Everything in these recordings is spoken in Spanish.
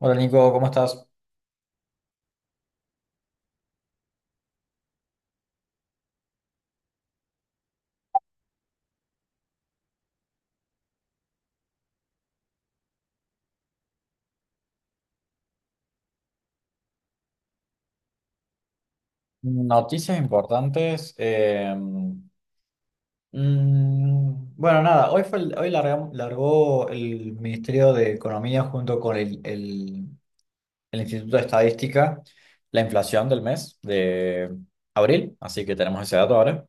Hola Nico, ¿cómo estás? Noticias importantes. Bueno, nada, hoy fue el- hoy larga- largó el Ministerio de Economía junto con el Instituto de Estadística la inflación del mes de abril, así que tenemos ese dato ahora.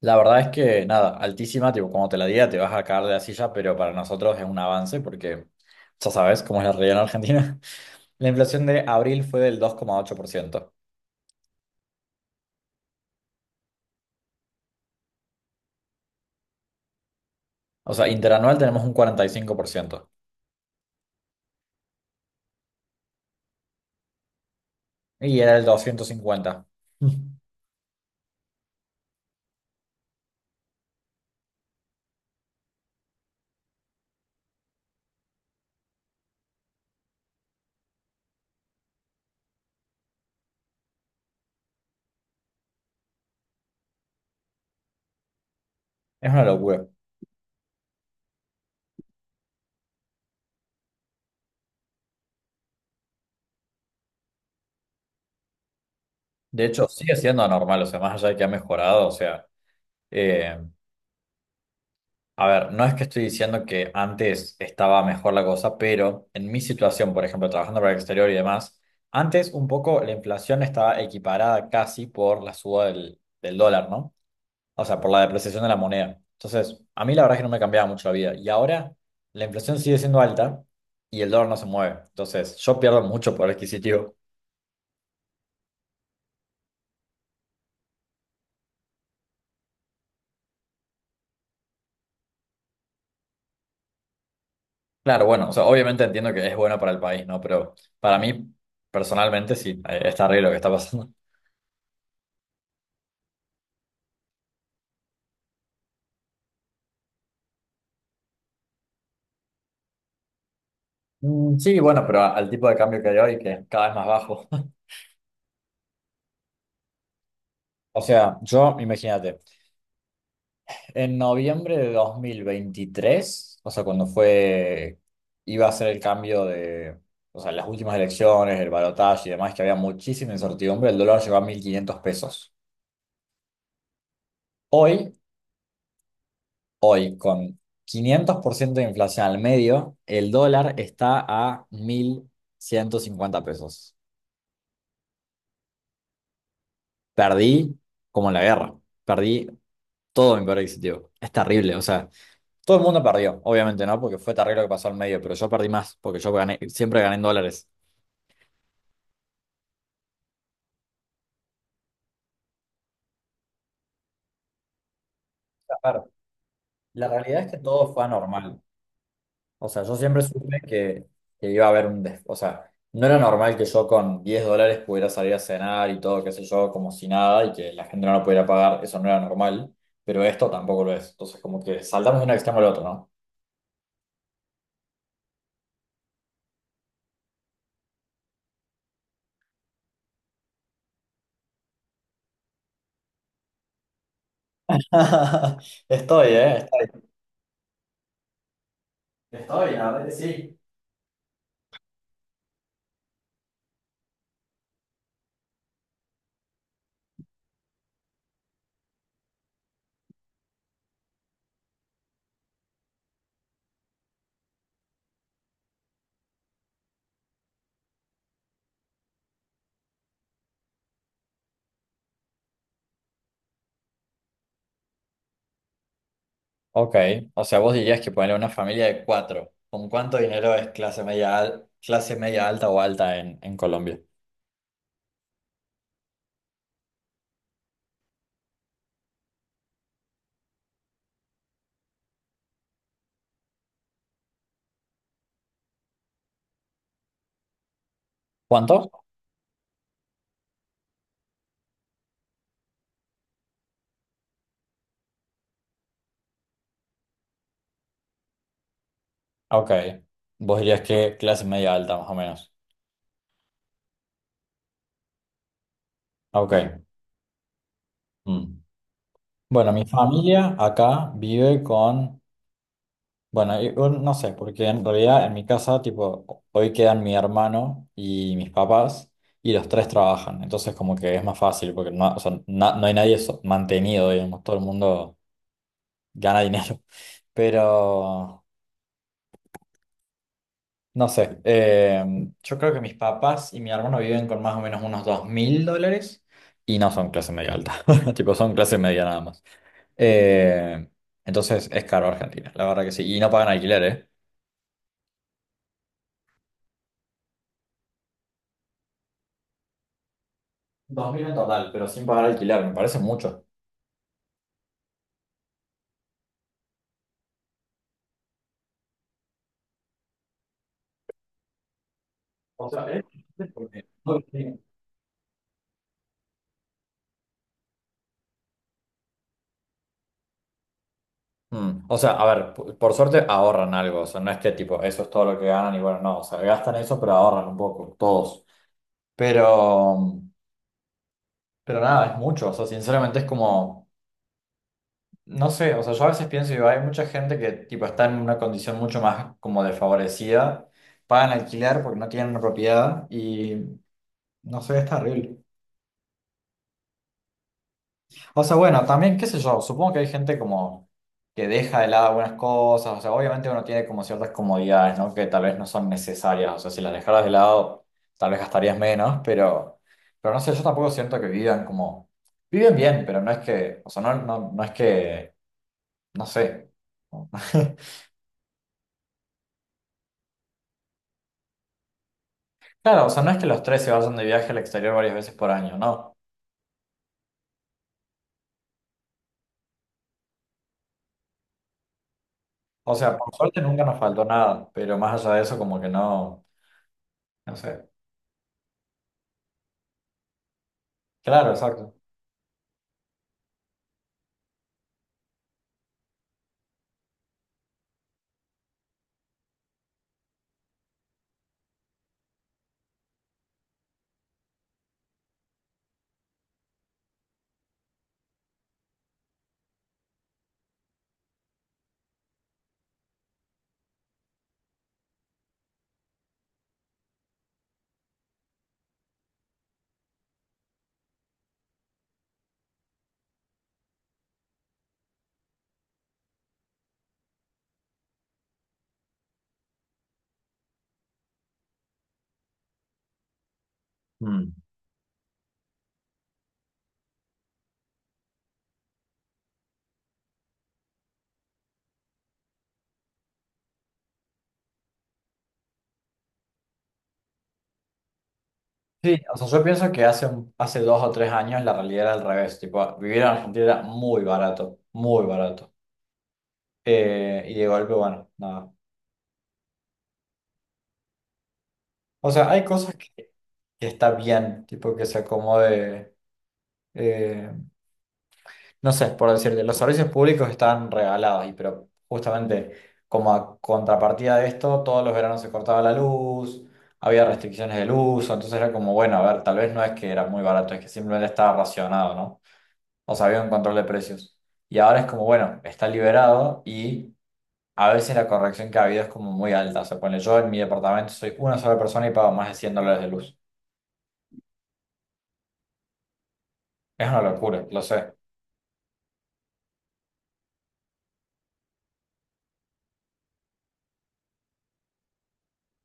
La verdad es que nada, altísima, tipo, como te la diga, te vas a caer de la silla, pero para nosotros es un avance porque ya sabes cómo es la realidad en Argentina. La inflación de abril fue del 2,8%. O sea, interanual tenemos un 45% y era el 250. Es una locura. De hecho, sigue siendo anormal, o sea, más allá de que ha mejorado, o sea, eh, a ver, no es que estoy diciendo que antes estaba mejor la cosa, pero en mi situación, por ejemplo, trabajando para el exterior y demás, antes un poco la inflación estaba equiparada casi por la suba del dólar, ¿no? O sea, por la depreciación de la moneda. Entonces, a mí la verdad es que no me cambiaba mucho la vida. Y ahora la inflación sigue siendo alta y el dólar no se mueve. Entonces, yo pierdo mucho poder adquisitivo. Claro, bueno, o sea, obviamente entiendo que es bueno para el país, ¿no? Pero para mí, personalmente, sí, está horrible lo que está pasando. Mm, sí, bueno, pero al tipo de cambio que hay hoy, que es cada vez más bajo. O sea, yo, imagínate. En noviembre de 2023, o sea, cuando fue, iba a ser el cambio de, o sea, las últimas elecciones, el balotaje y demás, que había muchísima incertidumbre, el dólar llegó a 1500 pesos. Hoy, hoy, con 500% de inflación al medio, el dólar está a 1150 pesos. Perdí como en la guerra, perdí todo mi poder adquisitivo. Es terrible, o sea. Todo el mundo perdió, obviamente, ¿no? Porque fue terrible lo que pasó al medio, pero yo perdí más, porque yo gané, siempre gané en dólares. A ver, la realidad es que todo fue anormal. O sea, yo siempre supe que iba a haber o sea, no era normal que yo con $10 pudiera salir a cenar y todo, qué sé yo, como si nada y que la gente no lo pudiera pagar. Eso no era normal, pero esto tampoco lo es. Entonces, como que saltamos de un extremo al otro, ¿no? Estoy, ¿eh? Estoy. Estoy, la verdad que sí. Ok, o sea, vos dirías que ponerle una familia de cuatro. ¿Con cuánto dinero es clase media, al- clase media alta o alta en Colombia? ¿Cuánto? Ok. Vos dirías que clase media alta, más o menos. Ok. Mm. Bueno, mi familia acá vive con. Bueno, o no sé, porque en realidad en mi casa, tipo, hoy quedan mi hermano y mis papás, y los tres trabajan. Entonces, como que es más fácil, porque no, o sea, no hay nadie mantenido, digamos, todo el mundo gana dinero. Pero. No sé, yo creo que mis papás y mi hermano viven con más o menos unos $2000 y no son clase media alta, tipo son clase media nada más. Eh, entonces es caro Argentina, la verdad que sí, y no pagan alquiler, ¿eh? Dos mil en total, pero sin pagar alquiler, me parece mucho. O sea, porque- o sea, a ver, por suerte ahorran algo, o sea, no es que tipo, eso es todo lo que ganan y bueno, no, o sea, gastan eso, pero ahorran un poco, todos. Pero, pero nada, es mucho, o sea, sinceramente es como... No sé, o sea, yo a veces pienso, digo, hay mucha gente que tipo está en una condición mucho más como desfavorecida, pagan alquiler porque no tienen una propiedad y no sé, es terrible. O sea, bueno, también, qué sé yo, supongo que hay gente como que deja de lado algunas cosas, o sea, obviamente uno tiene como ciertas comodidades, ¿no? Que tal vez no son necesarias, o sea, si las dejaras de lado, tal vez gastarías menos, pero no sé, yo tampoco siento que vivan como, viven bien, pero no es que, o sea, no, no, no es que, no sé. Claro, o sea, no es que los tres se vayan de viaje al exterior varias veces por año, no. O sea, por suerte nunca nos faltó nada, pero más allá de eso, como que no, no sé. Claro, exacto. Mm. Sí, o sea, yo pienso que hace 2 o 3 años la realidad era al revés, tipo, vivir en Argentina era muy barato, muy barato. Y de golpe, bueno, nada. O sea, hay cosas que está bien, tipo, que se acomode. eh, no sé, por decirte, los servicios públicos están regalados, pero justamente como a contrapartida de esto, todos los veranos se cortaba la luz, había restricciones del uso, entonces era como, bueno, a ver, tal vez no es que era muy barato, es que simplemente estaba racionado, ¿no? O sea, había un control de precios. Y ahora es como, bueno, está liberado y a veces la corrección que ha habido es como muy alta. O sea, ponle, yo en mi departamento soy una sola persona y pago más de $100 de luz. Es una locura, lo sé.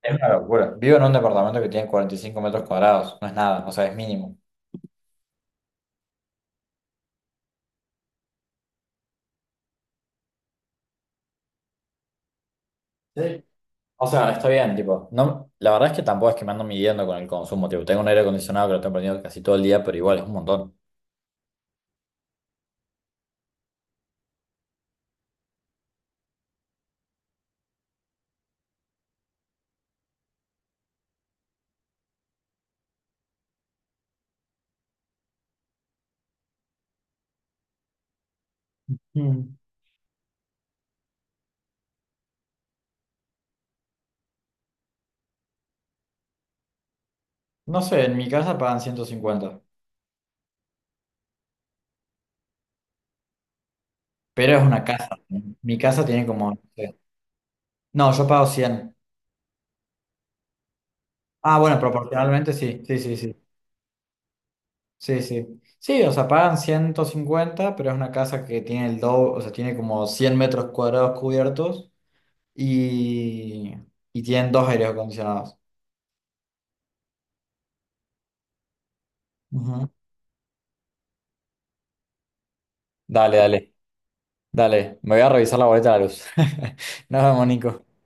Es una locura. Vivo en un departamento que tiene 45 metros cuadrados, no es nada, o sea, es mínimo. Sí. O sea, está bien, tipo, no, la verdad es que tampoco es que me ando midiendo con el consumo, tipo, tengo un aire acondicionado que lo tengo prendido casi todo el día, pero igual es un montón. Mm. No sé, en mi casa pagan 150, pero es una casa. Mi casa tiene como... No sé. No, yo pago 100. Ah, bueno, proporcionalmente sí, sí, sí, sí, sí, sí. Sí, o sea, pagan 150, pero es una casa que tiene el doble, o sea, tiene como 100 metros cuadrados cubiertos y, y tienen dos aires acondicionados. Ujú. Dale, dale. Dale, me voy a revisar la boleta de la luz. Nos vemos, Nico.